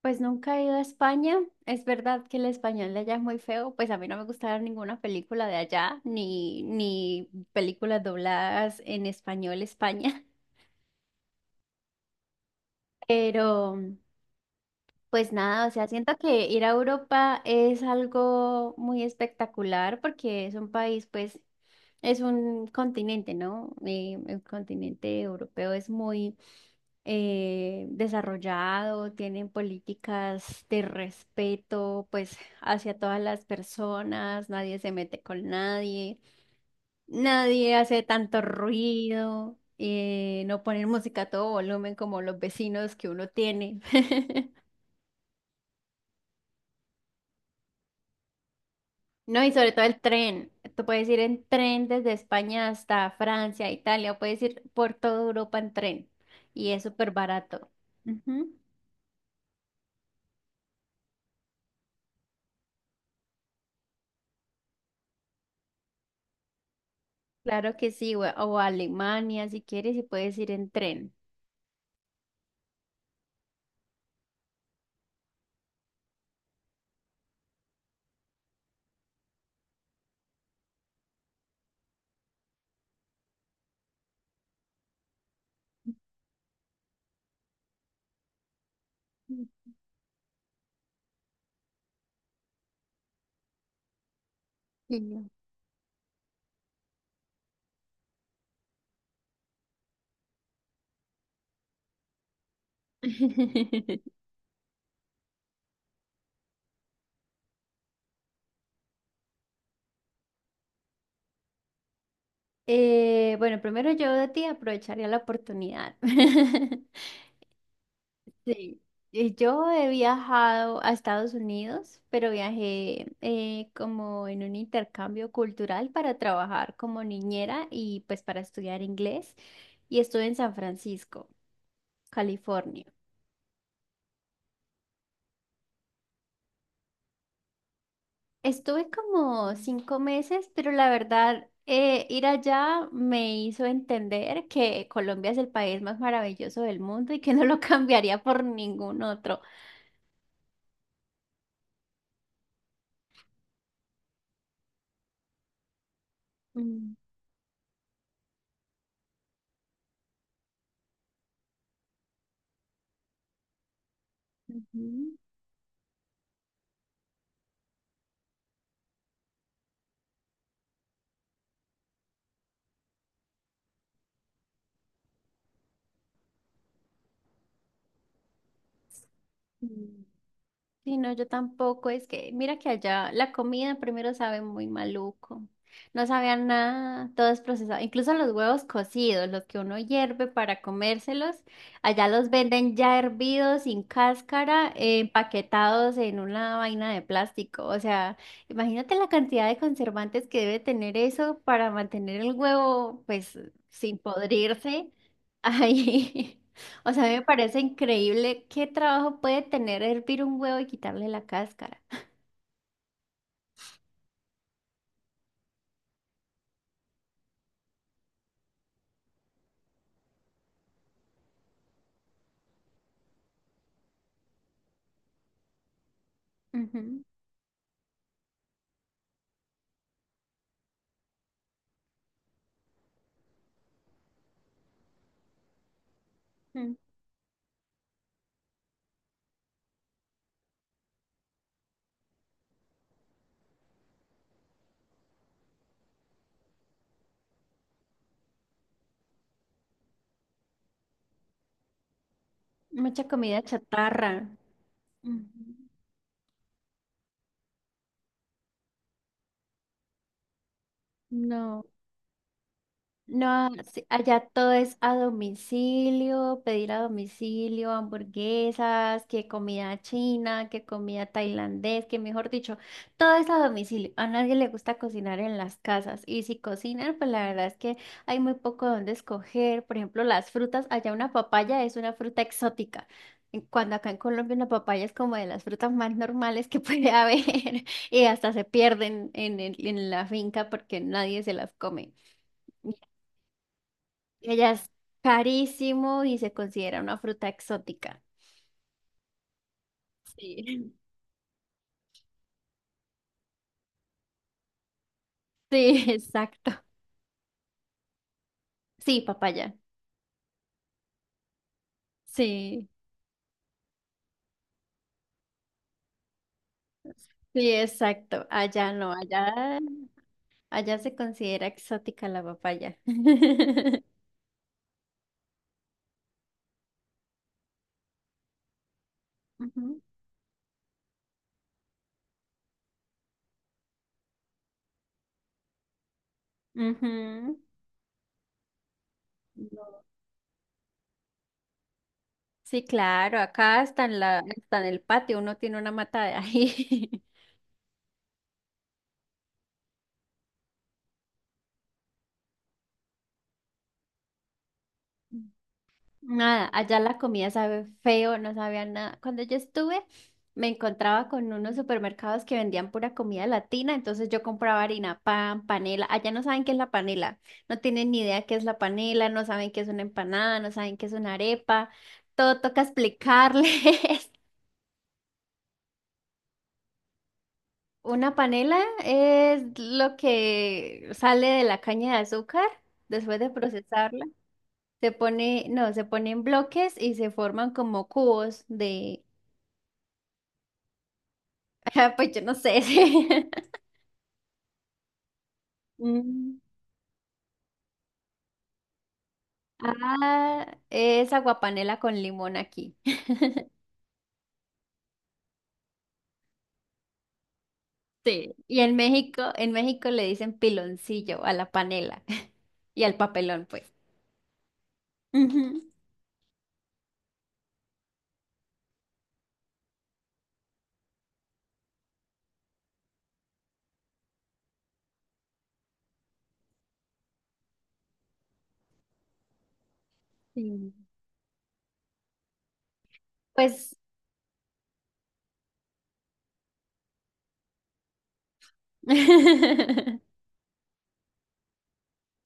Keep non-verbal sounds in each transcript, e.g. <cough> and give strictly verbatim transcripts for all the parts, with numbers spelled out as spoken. Pues nunca he ido a España. Es verdad que el español de allá es muy feo. Pues a mí no me gusta ver ninguna película de allá, ni, ni películas dobladas en español España. <laughs> Pero, pues nada, o sea, siento que ir a Europa es algo muy espectacular porque es un país, pues, es un continente, ¿no? Eh, el continente europeo es muy eh, desarrollado, tienen políticas de respeto, pues, hacia todas las personas, nadie se mete con nadie, nadie hace tanto ruido, eh, no ponen música a todo volumen como los vecinos que uno tiene. <laughs> No, y sobre todo el tren. Tú puedes ir en tren desde España hasta Francia, Italia, puedes ir por toda Europa en tren y es súper barato. Ujú. Claro que sí, we- o a Alemania si quieres y puedes ir en tren. Sí. <laughs> Eh, bueno, primero yo de ti aprovecharía la oportunidad. <laughs> Sí, y yo he viajado a Estados Unidos, pero viajé eh, como en un intercambio cultural para trabajar como niñera y pues para estudiar inglés y estuve en San Francisco, California. Estuve como cinco meses, pero la verdad, eh, ir allá me hizo entender que Colombia es el país más maravilloso del mundo y que no lo <laughs> cambiaría por ningún otro. Mm, ujú. Sí, no, yo tampoco. Es que, mira que allá la comida primero sabe muy maluco. No sabían nada, todo es procesado. Incluso los huevos cocidos, los que uno hierve para comérselos, allá los venden ya hervidos, sin cáscara, eh, empaquetados en una vaina de plástico. O sea, imagínate la cantidad de conservantes que debe tener eso para mantener el huevo, pues, sin podrirse ahí. <laughs> O sea, a mí me parece increíble qué trabajo puede tener hervir un huevo y quitarle la cáscara. Ujú, ujú. Mucha comida chatarra. Ujú. No. No, sí, allá todo es a domicilio, pedir a domicilio, hamburguesas, que comida china, que comida tailandés, que mejor dicho, todo es a domicilio. A nadie le gusta cocinar en las casas y si cocinan, pues la verdad es que hay muy poco donde escoger. Por ejemplo, las frutas, allá una papaya es una fruta exótica. en- Cuando acá en Colombia una papaya es como de las frutas más normales que puede haber <laughs> y hasta se pierden en, el- en la finca porque nadie se las come. Ella es carísimo y se considera una fruta exótica. Sí. Sí, <laughs> exacto. Sí, papaya. Sí, sí, exacto. Allá no, allá, allá se considera exótica la papaya. <laughs> Ujú, ujú. No. Sí, claro, acá está en la, está en el patio uno tiene una mata de ají. <laughs> Nada, allá la comida sabe feo, no sabía nada. Cuando yo estuve, me encontraba con unos supermercados que vendían pura comida latina, entonces yo compraba harina, pan, panela. Allá no saben qué es la panela, no tienen ni idea qué es la panela, no saben qué es una empanada, no saben qué es una arepa. Todo toca explicarles. <laughs> Una panela es lo que sale de la caña de azúcar después de procesarla. Se pone, no, se pone en bloques y se forman como cubos de <laughs> Pues yo no sé. Sí. <laughs> Mm. Ah, es aguapanela con limón aquí. <laughs> Sí. Y en México, en México le dicen piloncillo a la panela <laughs> y al papelón, pues. Ujú. Sí. Pues <laughs>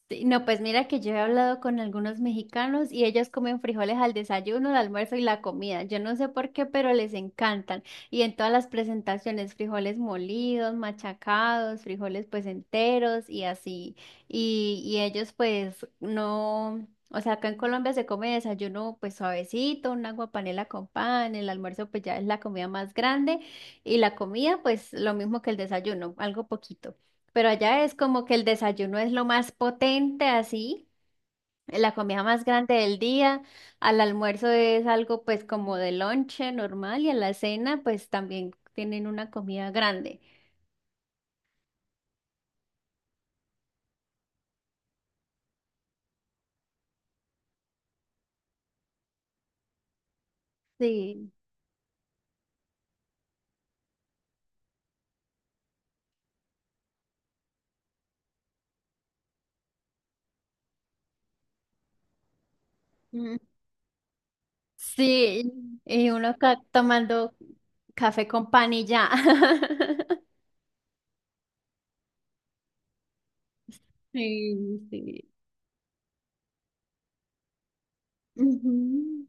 sí, no, pues mira que yo he hablado con algunos mexicanos y ellos comen frijoles al desayuno, al almuerzo y la comida. Yo no sé por qué, pero les encantan. Y en todas las presentaciones, frijoles molidos, machacados, frijoles pues enteros y así. Y, y ellos pues no, o sea, acá en Colombia se come desayuno pues suavecito, un agua panela con pan, el almuerzo pues ya es la comida más grande y la comida pues lo mismo que el desayuno, algo poquito. Pero allá es como que el desayuno es lo más potente, así, eh, la comida más grande del día, al almuerzo es algo pues como de lonche normal y a la cena pues también tienen una comida grande. Sí, mm, sí, y uno ca- tomando café con pan y ya. <laughs> Sí, sí. Ujú.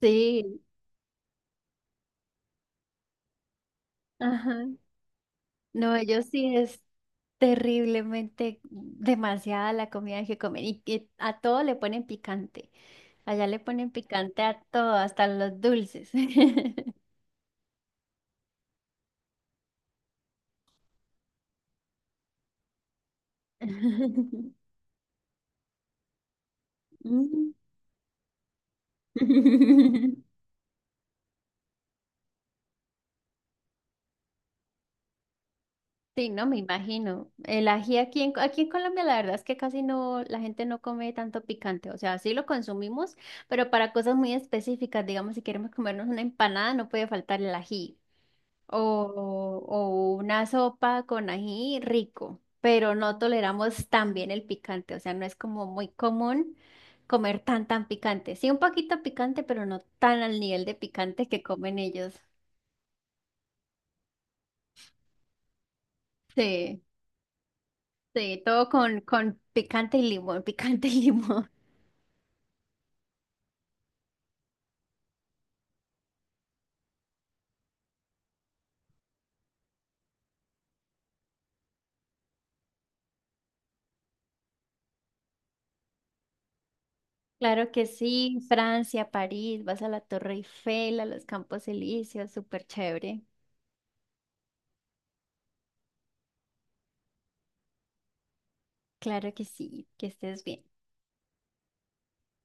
Sí, ajá. No, ellos sí es terriblemente demasiada la comida que comen y que a todo le ponen picante. Allá le ponen picante a todo, hasta los dulces. <laughs> Mm. <laughs> Sí, no me imagino. El ají aquí en, aquí en Colombia, la verdad es que casi no, la gente no come tanto picante. O sea, sí lo consumimos, pero para cosas muy específicas, digamos, si queremos comernos una empanada, no puede faltar el ají. o, o una sopa con ají rico, pero no toleramos tan bien el picante, o sea, no es como muy común comer tan tan picante. Sí, un poquito picante, pero no tan al nivel de picante que comen ellos. Sí, sí, todo con, con picante y limón, <laughs> picante y limón. <laughs> Claro que sí, Francia, París, vas a la Torre Eiffel, a los Campos Elíseos, súper chévere. Claro que sí, que estés bien.